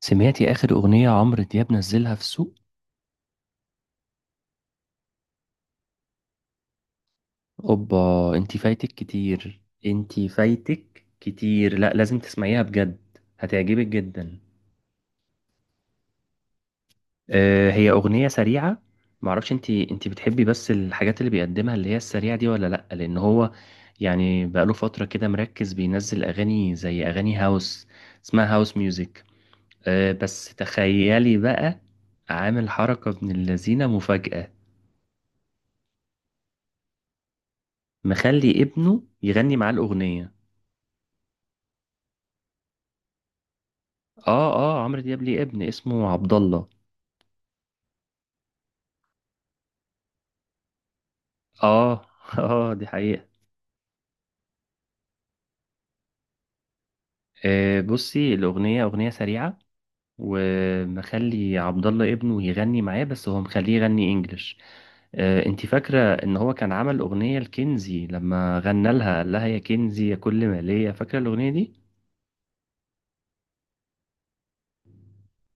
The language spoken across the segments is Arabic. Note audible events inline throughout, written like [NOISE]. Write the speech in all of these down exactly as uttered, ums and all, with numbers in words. سمعتي آخر أغنية عمرو دياب نزلها في السوق؟ أوبا، أنتي فايتك كتير، أنتي فايتك كتير. لا، لازم تسمعيها بجد، هتعجبك جدا. أه، هي أغنية سريعة. معرفش أنتي أنتي بتحبي بس الحاجات اللي بيقدمها اللي هي السريعة دي ولا لأ، لأن هو يعني بقاله فترة كده مركز بينزل أغاني زي أغاني هاوس، اسمها هاوس ميوزك. أه بس تخيلي بقى، عامل حركة ابن اللذينة مفاجأة، مخلي ابنه يغني معاه الأغنية. اه، اه عمرو دياب ليه ابن اسمه عبد الله. اه [LAUGHS] اه، دي حقيقة. آه بصي، الأغنية أغنية سريعة ومخلي عبد الله ابنه يغني معاه، بس هو مخليه يغني انجلش. آه، انتي فاكرة ان هو كان عمل أغنية لكنزي لما غنى لها قال لها يا كنزي يا كل ما ليا، فاكرة الأغنية دي؟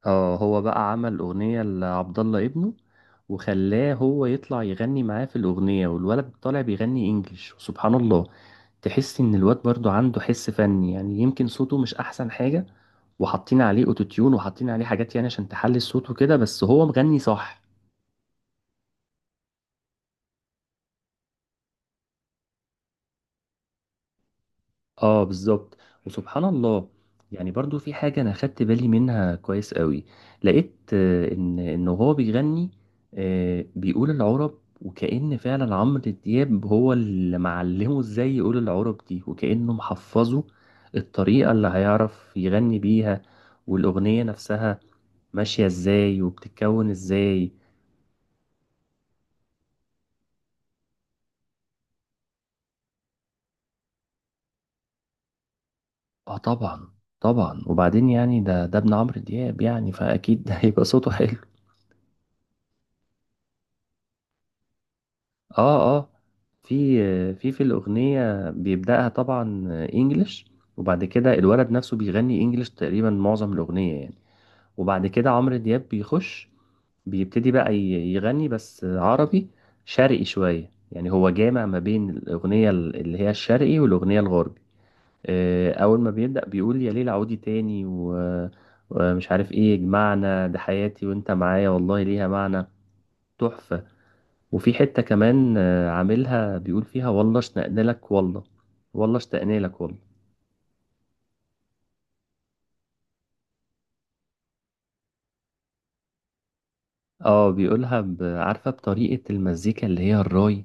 اه، هو بقى عمل أغنية لعبد الله ابنه وخلاه هو يطلع يغني معاه في الأغنية، والولد طالع بيغني إنجليش. وسبحان الله، تحس إن الواد برضو عنده حس فني، يعني يمكن صوته مش أحسن حاجة، وحاطين عليه أوتوتيون وحاطين عليه حاجات يعني عشان تحلي الصوت وكده، بس هو مغني صح. اه بالظبط، وسبحان الله. يعني برضو في حاجة أنا خدت بالي منها كويس قوي. لقيت آه، إن إن هو بيغني، آه، بيقول العرب، وكأن فعلا عمرو دياب هو اللي معلمه إزاي يقول العرب دي، وكأنه محفظه الطريقة اللي هيعرف يغني بيها والأغنية نفسها ماشية إزاي وبتتكون إزاي. اه طبعا، طبعا. وبعدين يعني ده ده ابن عمرو دياب، يعني فأكيد [LAUGHS] هيبقى صوته حلو. اه اه، في في في الأغنية بيبدأها طبعا انجلش، وبعد كده الولد نفسه بيغني انجلش تقريبا معظم الأغنية يعني. وبعد كده عمرو دياب بيخش، بيبتدي بقى ي- يغني بس عربي، شرقي شوية. يعني هو جامع ما بين الأغنية ال- اللي هي الشرقي والأغنية الغربي. آه، أول ما بيبدأ بيقول يا ليل عودي تاني و- ومش عارف ايه، يجمعنا ده حياتي وانت معايا والله ليها معنى، تحفة. وفي حتة كمان آه، عاملها بيقول فيها والله اشتقنالك والله، والله اشتقنالك والله. اه بيقولها ب- عارفة بطريقة المزيكا اللي هي الراي،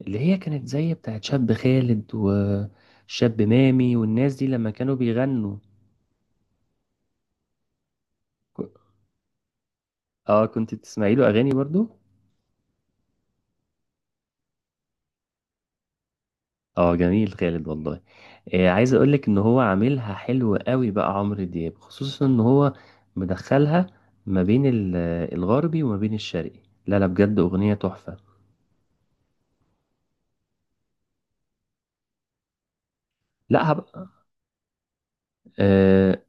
اللي هي كانت زي بتاعت شاب خالد وشاب مامي والناس دي لما كانوا بيغنوا. ك- اه، كنت بتسمعي له اغاني برضو. اه جميل، خالد والله. آه، عايز اقولك ان هو عاملها حلو قوي بقى عمرو دياب، خصوصا ان هو مدخلها ما بين ال- الغربي وما بين الشرقي. لا لا، بجد اغنية تحفة. لا هبقى. أه،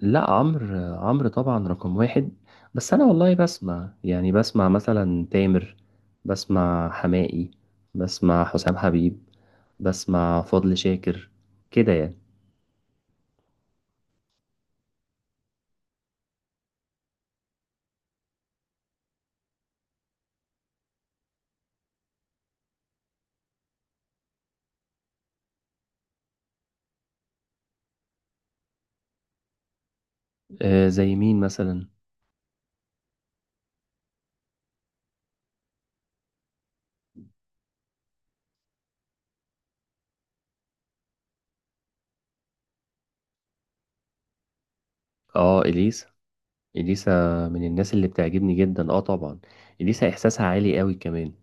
لا عمرو، عمرو طبعا رقم واحد. بس انا والله بسمع، يعني بسمع مثلا تامر، بسمع حماقي، بسمع حسام حبيب، بسمع فضل شاكر، كده يعني. أه زي مين مثلا؟ اه اليسا، اليسا من الناس اللي بتعجبني جدا، اه طبعا. اليسا احساسها عالي قوي كمان.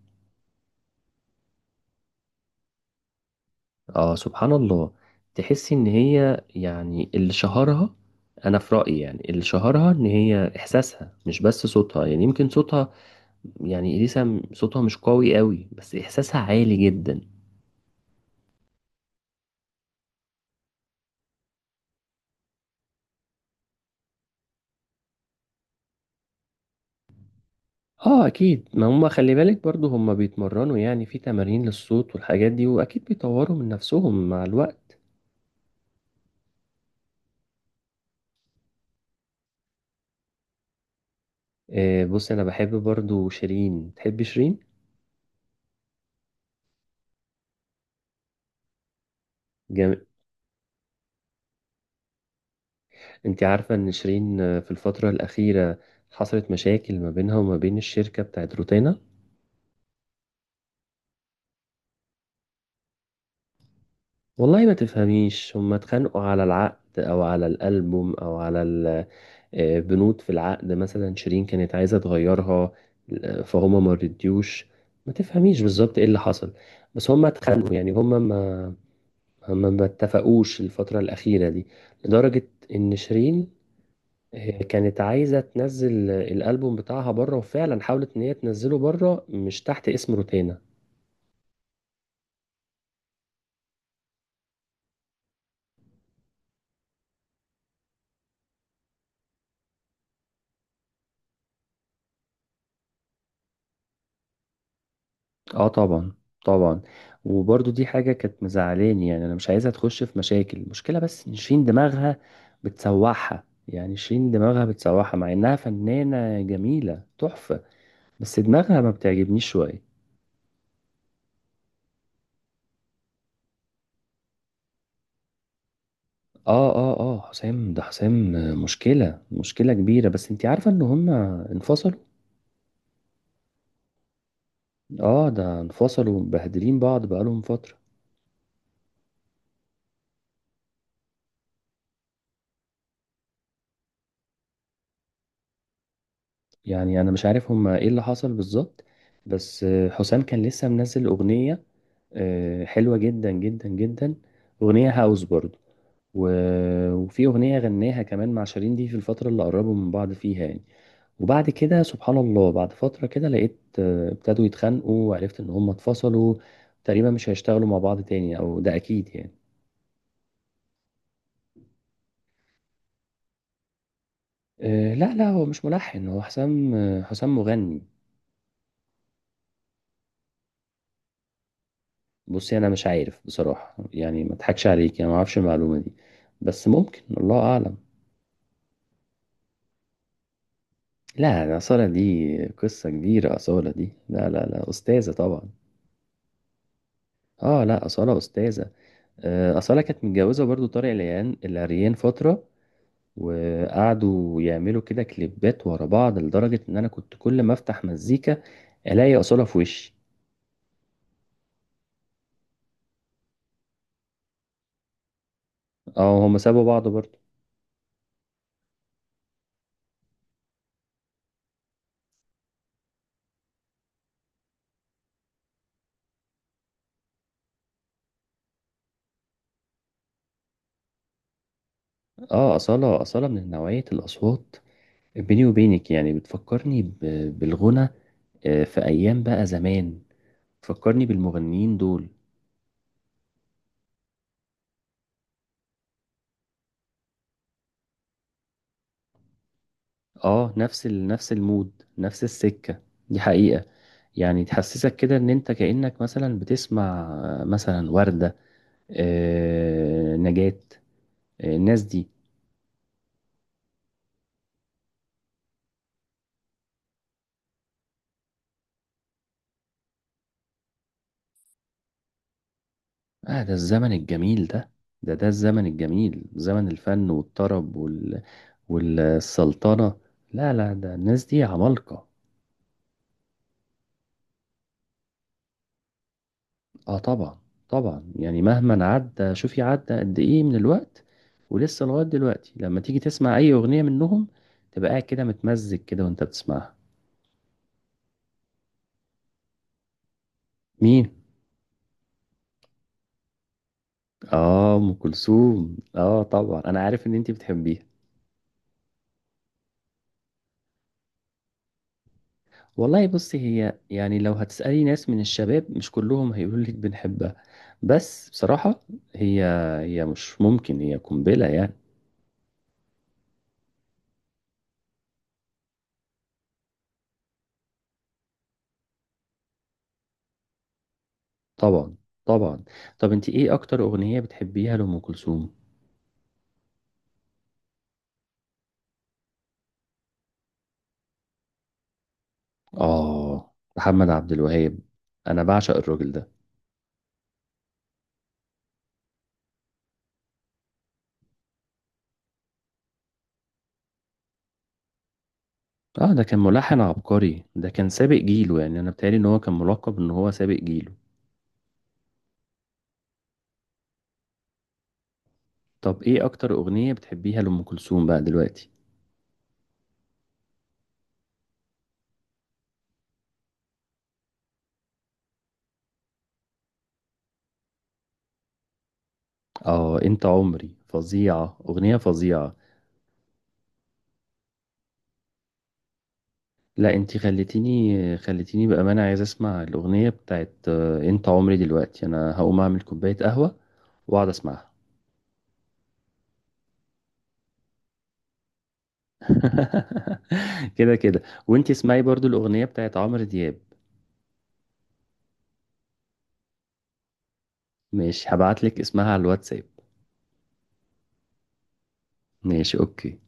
اه سبحان الله، تحسي ان هي يعني اللي شهرها، انا في رأيي يعني اللي شهرها ان هي احساسها مش بس صوتها، يعني يمكن صوتها، يعني اليسا صوتها مش قوي قوي، بس احساسها عالي جدا. اه اكيد، ما هم خلي بالك برضو هم بيتمرنوا يعني، في تمارين للصوت والحاجات دي، واكيد بيطوروا من نفسهم مع الوقت. آه بص، انا بحب برضو شيرين، تحبي شيرين؟ جميل. انت عارفة ان شيرين آه، في الفترة الاخيرة حصلت مشاكل ما بينها وما بين الشركة بتاعت روتانا. والله ما تفهميش، هم اتخانقوا على العقد او على الالبوم او على آه، بنود في العقد، مثلا شيرين كانت عايزة تغيرها، آه، فهما ما رضيوش. ما تفهميش بالظبط ايه اللي حصل، بس هما اتخانقوا. يعني هما ما هما ما اتفقوش الفترة الأخيرة دي، لدرجة إن شيرين آه، كانت عايزة تنزل الألبوم بتاعها بره، وفعلا حاولت إن هي تنزله بره مش تحت اسم روتانا. اه طبعا، طبعا. وبرضو دي حاجة كانت مزعلاني، يعني انا مش عايزها تخش في مشاكل. المشكلة بس ان شيرين دماغها بتسوحها، يعني شيرين دماغها بتسوحها مع انها فنانة جميلة تحفة، بس دماغها ما بتعجبنيش شوية. اه اه اه، حسام ده، حسام مشكلة، مشكلة كبيرة. بس انتي عارفة ان هما انفصلوا؟ اه ده انفصلوا مبهدلين بعض بقالهم فترة. يعني انا مش عارف هما ايه اللي حصل بالظبط، بس حسام كان لسه منزل اغنية آه، حلوة جدا جدا جدا، أغنية هاوس برضو. و- وفي أغنية غناها كمان مع شيرين دي في الفترة اللي قربوا من بعض فيها يعني. وبعد كده سبحان الله، بعد فترة كده لقيت آه، ابتدوا يتخانقوا، وعرفت إن هم اتفصلوا تقريبا، مش هيشتغلوا مع بعض تاني، أو ده أكيد يعني. آه، لا لا، هو مش ملحن، هو حسام، آه، حسام مغني. بصي أنا مش عارف بصراحة، يعني ما أضحكش عليك، يعني ما أعرفش المعلومة دي، بس ممكن، الله أعلم. لا ده أصالة، دي قصة كبيرة. أصالة دي لا لا لا، أستاذة طبعا. اه لا، أصالة أستاذة. آه، أصالة كانت متجوزة برضو طارق العيان العريان فترة، وقعدوا يعملوا كده كليبات ورا بعض، لدرجة إن أنا كنت كل ما أفتح مزيكا ألاقي أصالة في وشي. اه هما سابوا بعض برضو. اه أصالة، أصالة من نوعية الأصوات. بيني وبينك يعني بتفكرني ب- بالغنى، آه، في أيام بقى زمان، بتفكرني بالمغنيين دول. اه، نفس ال... نفس المود، نفس السكة، دي حقيقة. يعني تحسسك كده ان انت كأنك مثلا بتسمع آه، مثلا وردة، آه، نجاة، آه، الناس دي. اه، ده الزمن الجميل ده ده ده الزمن الجميل، زمن الفن والطرب وال... والسلطنة. لا لا، ده الناس دي عمالقة. اه طبعا، طبعا. يعني مهما عدى، شوفي عدى قد ايه من الوقت، ولسه لغاية دلوقتي لما تيجي تسمع اي اغنية منهم تبقى قاعد كده متمزج كده وانت بتسمعها. مين؟ اه، ام كلثوم، اه طبعا انا عارف ان انت بتحبيها. والله بصي، هي يعني لو هتسألي ناس من الشباب مش كلهم هيقولوا لك بنحبها، بس بصراحة هي، هي مش ممكن، هي قنبلة يعني. طبعا، طبعا. طب انت ايه اكتر اغنية بتحبيها لأم كلثوم؟ آه محمد عبد الوهاب، أنا بعشق الراجل ده. آه ده كان ملحن عبقري، ده كان سابق جيله يعني، أنا بتهيألي إن هو كان ملقب إن هو سابق جيله. طب إيه أكتر أغنية بتحبيها لأم كلثوم بقى دلوقتي؟ آه أنت عمري، فظيعة، أغنية فظيعة. لا أنت خليتيني، خليتيني بأمانة عايز أسمع الأغنية بتاعت آه، أنت عمري دلوقتي، أنا هقوم أعمل كوباية قهوة وأقعد أسمعها. [LAUGHS] كده كده، وأنت اسمعي برضو الأغنية بتاعت عمرو دياب. مش هبعتلك اسمها على الواتساب. ماشي، اوكي.